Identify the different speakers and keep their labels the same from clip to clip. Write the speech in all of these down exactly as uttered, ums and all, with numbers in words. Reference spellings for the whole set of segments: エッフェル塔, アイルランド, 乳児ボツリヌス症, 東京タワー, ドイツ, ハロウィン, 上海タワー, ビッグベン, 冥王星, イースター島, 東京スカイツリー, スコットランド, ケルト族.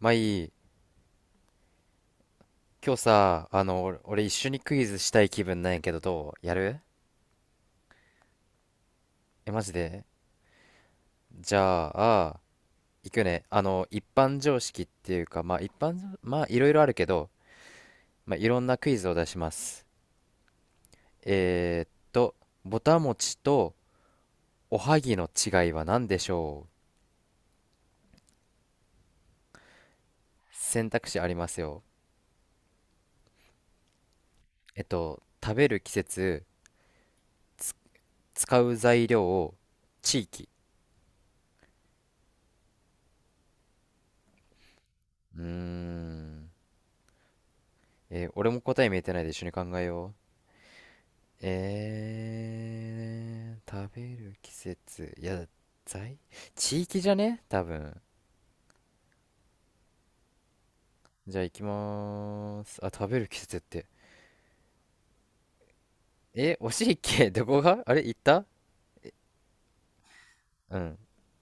Speaker 1: まあいい。今日さ、あの、俺、俺一緒にクイズしたい気分なんやけど、どうやる？え、マジで？じゃあ、行くね。あの、一般常識っていうか、まあ一般まあいろいろあるけど、まあいろんなクイズを出します。えーっと、ぼたもちとおはぎの違いは何でしょう？選択肢ありますよ。えっと、食べる季節、つ使う材料、地域。うーん。えー、俺も答え見えてないで一緒に考えよう。えー、食べる季節。いや、在地域じゃね多分。じゃあ行きまーす。あ、食べる季節って。え、惜しいっけ、どこがあれ行った？うん。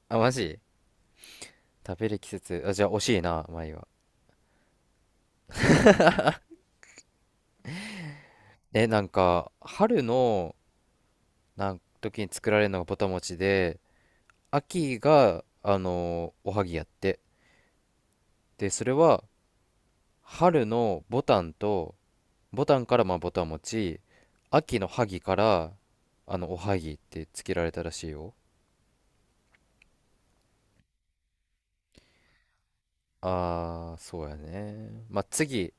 Speaker 1: あ、マジ？食べる季節。あ、じゃあ惜しいな、前は。え、なんか、春の、なん時に作られるのがぼたもちで、秋が、あのーおはぎやって。で、それは、春のぼたんと、ボタンからまあボタン持ち、秋の萩からあのおはぎってつけられたらしいよ。あー、そうやね。まあ次、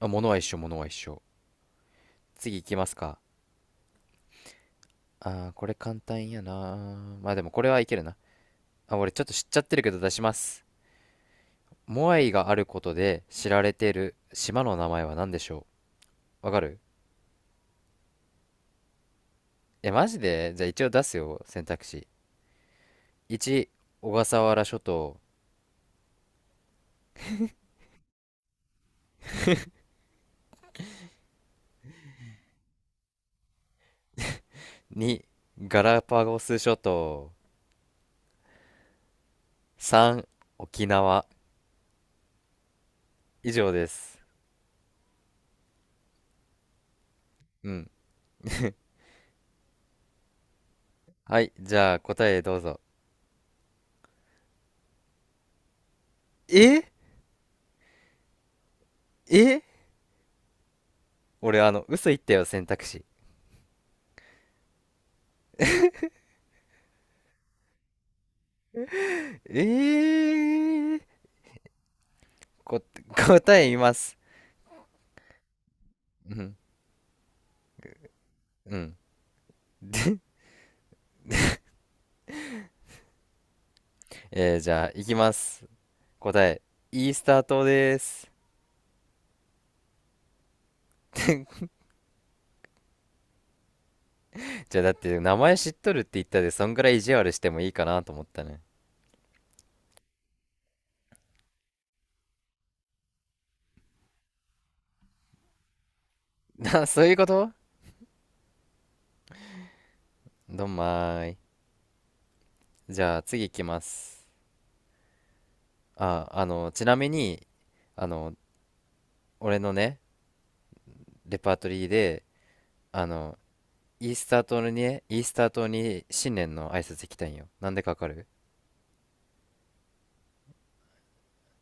Speaker 1: あ、物は一緒、物は一緒。次行きますか。あー、これ簡単やな。まあでもこれはいけるな。あ、俺ちょっと知っちゃってるけど出します。モアイがあることで知られてる島の名前は何でしょう？わかる？え、マジで？じゃあ一応出すよ、選択肢。いち、小笠原諸島。に、ガラパゴス諸島。さん、沖縄。以上です。うん。はい、じゃあ答えどうぞ。え、え、俺、あの、嘘言ったよ、選択肢。えー、こ、答え言います。うん、うん。で、えー、じゃあ、行きます。答え、イースター島です。じゃあ、だって、名前知っとるって言ったで、そんぐらい意地悪してもいいかなと思ったね。な、そういうこと。どんまーい。じゃあ、次行きます。あ、あの、ちなみに、あの、俺のね、レパートリーで、あの、イースター島にね、イースター島に新年の挨拶行きたいんよ。なんでかわかる？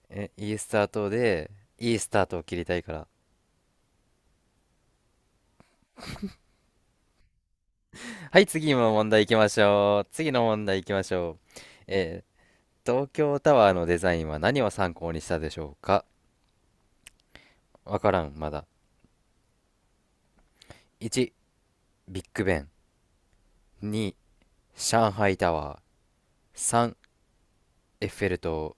Speaker 1: え、イースター島で、いいスタートを切りたいから。はい、次の問題行きましょう。次の問題行きましょう。えー、東京タワーのデザインは何を参考にしたでしょうか？わからん、まだ。いち、ビッグベン。に、上海タワー。さん、エッフェル塔。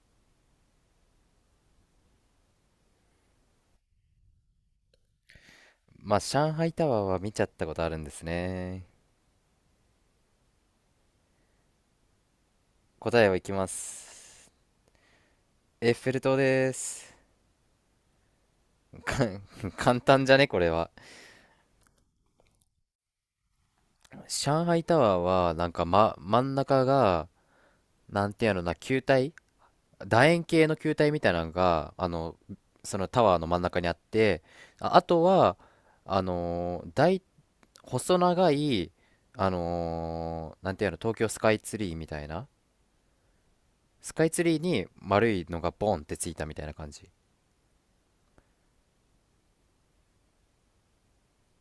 Speaker 1: まあ、上海タワーは見ちゃったことあるんですね。答えをいきます。エッフェル塔です。か 簡単じゃね、これは。上海タワーは、なんか、ま、真ん中が、なんていうのな、球体楕円形の球体みたいなのが、あの、そのタワーの真ん中にあって、あ、あとは、あのー大、細長い、あのーなんていうの、東京スカイツリーみたいな。スカイツリーに丸いのがボンってついたみたいな感じ。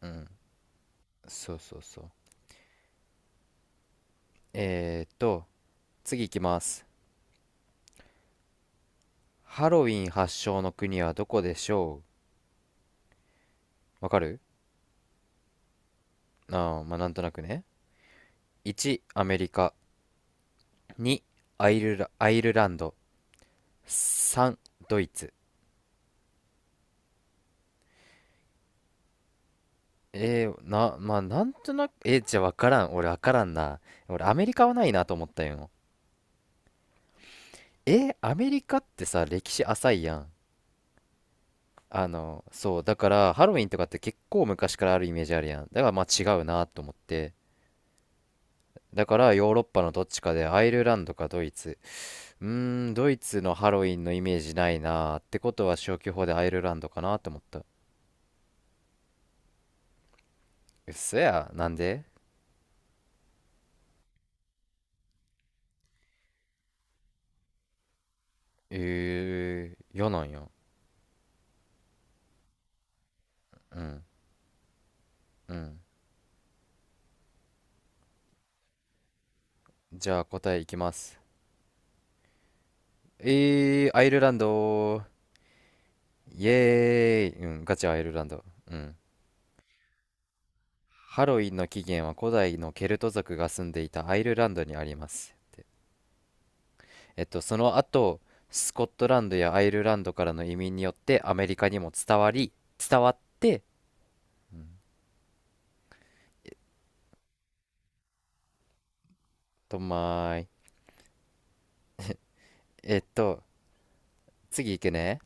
Speaker 1: うん。そうそうそう。えーっと、次行きます。ハロウィン発祥の国はどこでしょう？わかる？ああ、まあ、なんとなくね。いち、アメリカ。に、アイルラ、アイルランド。さん、ドイツ。えー、な、まあ、なんとなく、えー、じゃあわからん。俺わからんな。俺アメリカはないなと思ったよ。えー、アメリカってさ、歴史浅いやん。あの、そう、だからハロウィンとかって結構昔からあるイメージあるやん。だからまあ違うなと思って。だからヨーロッパのどっちかでアイルランドかドイツ。うーん、ドイツのハロウィンのイメージないなーってことは消去法でアイルランドかなって思った。うっそや、なんで？えー、嫌なんや。うん、うん。じゃあ答えいきます。えー、アイルランド。イエーイ。うん、ガチアイルランド。うん。ハロウィンの起源は古代のケルト族が住んでいたアイルランドにあります。って、えっと、その後、スコットランドやアイルランドからの移民によってアメリカにも伝わり、伝わって、うん、とまーい。えっと、次いくね。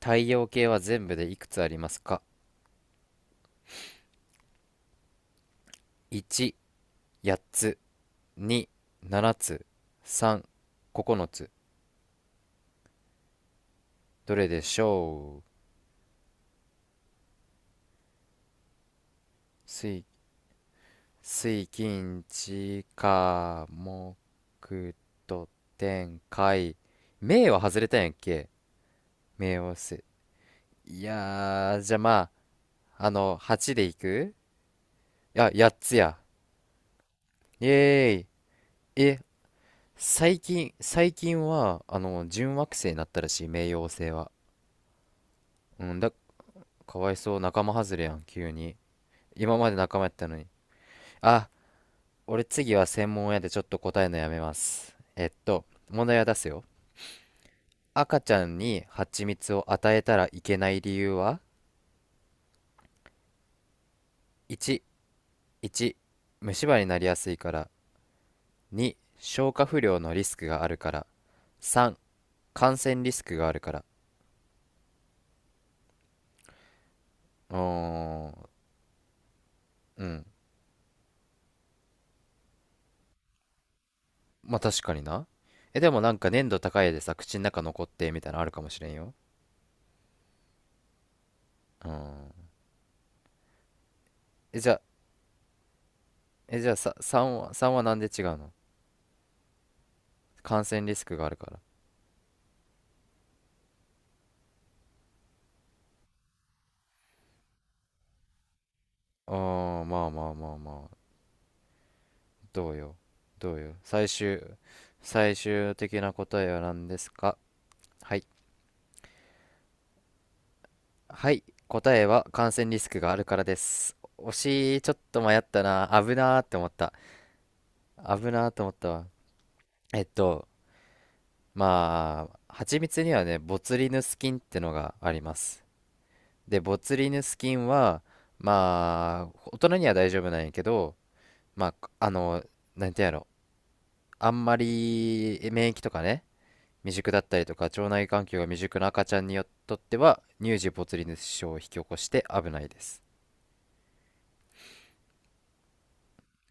Speaker 1: 太陽系は全部でいくつありますか？ いち、やっつ、に、ななつ、さん、ここのつ。どれでしょう？水、水、金、地、火、木、土、天、海。冥は外れたんやっけ？冥王星。いやー、じゃあまあ、あの、はちでいく、いや、やっつや。イエーイ。え、最近、最近は、あの、準惑星になったらしい、冥王星は。うん、だ、かわいそう、仲間外れやん、急に。今まで仲間やったのに。あ、俺次は専門やでちょっと答えのやめます。えっと、問題は出すよ。赤ちゃんに蜂蜜を与えたらいけない理由は？ いち、いち、虫歯になりやすいから。に、消化不良のリスクがあるから。さん、感染リスクがあるから。うーん、うん。まあ確かにな。え、でもなんか粘度高いでさ、口の中残ってみたいなのあるかもしれんよ。うん。え、じゃあ、え、じゃあさ、さんは、さんはなんで違うの？感染リスクがあるから。あー、まあまあまあまあ。どうよ。どうよ。最終、最終的な答えは何ですか？はい。はい。答えは感染リスクがあるからです。惜しい。ちょっと迷ったな。危なーって思った。危なーって思ったわ。えっと、まあ、蜂蜜にはね、ボツリヌス菌ってのがあります。で、ボツリヌス菌は、まあ、大人には大丈夫なんやけど、まあ、あの、なんてやろ、あんまり免疫とかね、未熟だったりとか、腸内環境が未熟な赤ちゃんによっとっては、乳児ボツリヌス症を引き起こして危ないです。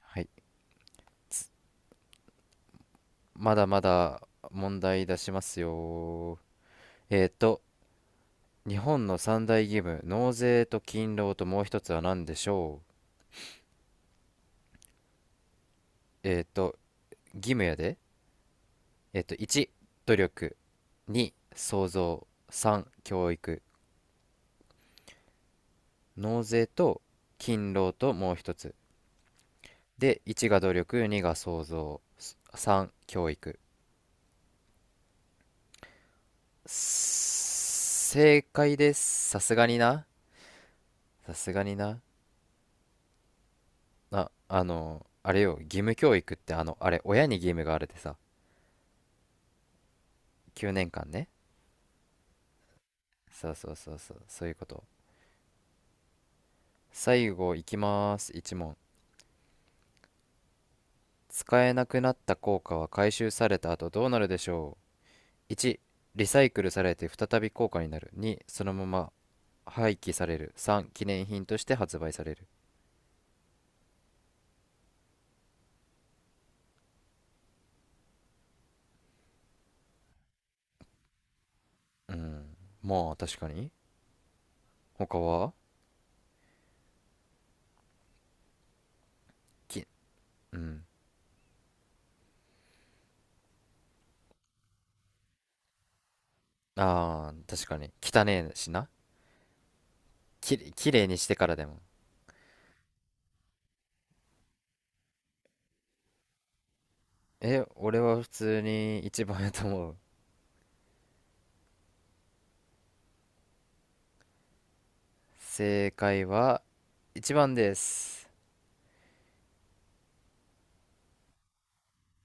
Speaker 1: はい。つまだまだ問題出しますよ。えーと、日本の三大義務、納税と勤労ともう一つは何でしょ？えっと、義務やで。えっと、いち、努力。に、創造。さん、教育。納税と勤労ともう一つ。で、いちが努力、にが創造。さん、教育。正解です。さすがにな。さすがにな。あ、あの、あれよ、義務教育ってあの、あれ、親に義務があるでさ、きゅうねんかんねんかんね。そうそうそうそう、そういうこと。最後いきます。いち問。使えなくなった硬貨は回収された後どうなるでしょう？ いち、リサイクルされて再び硬貨になる。に、そのまま廃棄される。さん、記念品として発売される。うん、まあ確かに。他は、き、うん。ああ、確かに。汚ねえしな。きれ、きれいにしてからでも。え、俺は普通に一番やと思う。正解は一番です。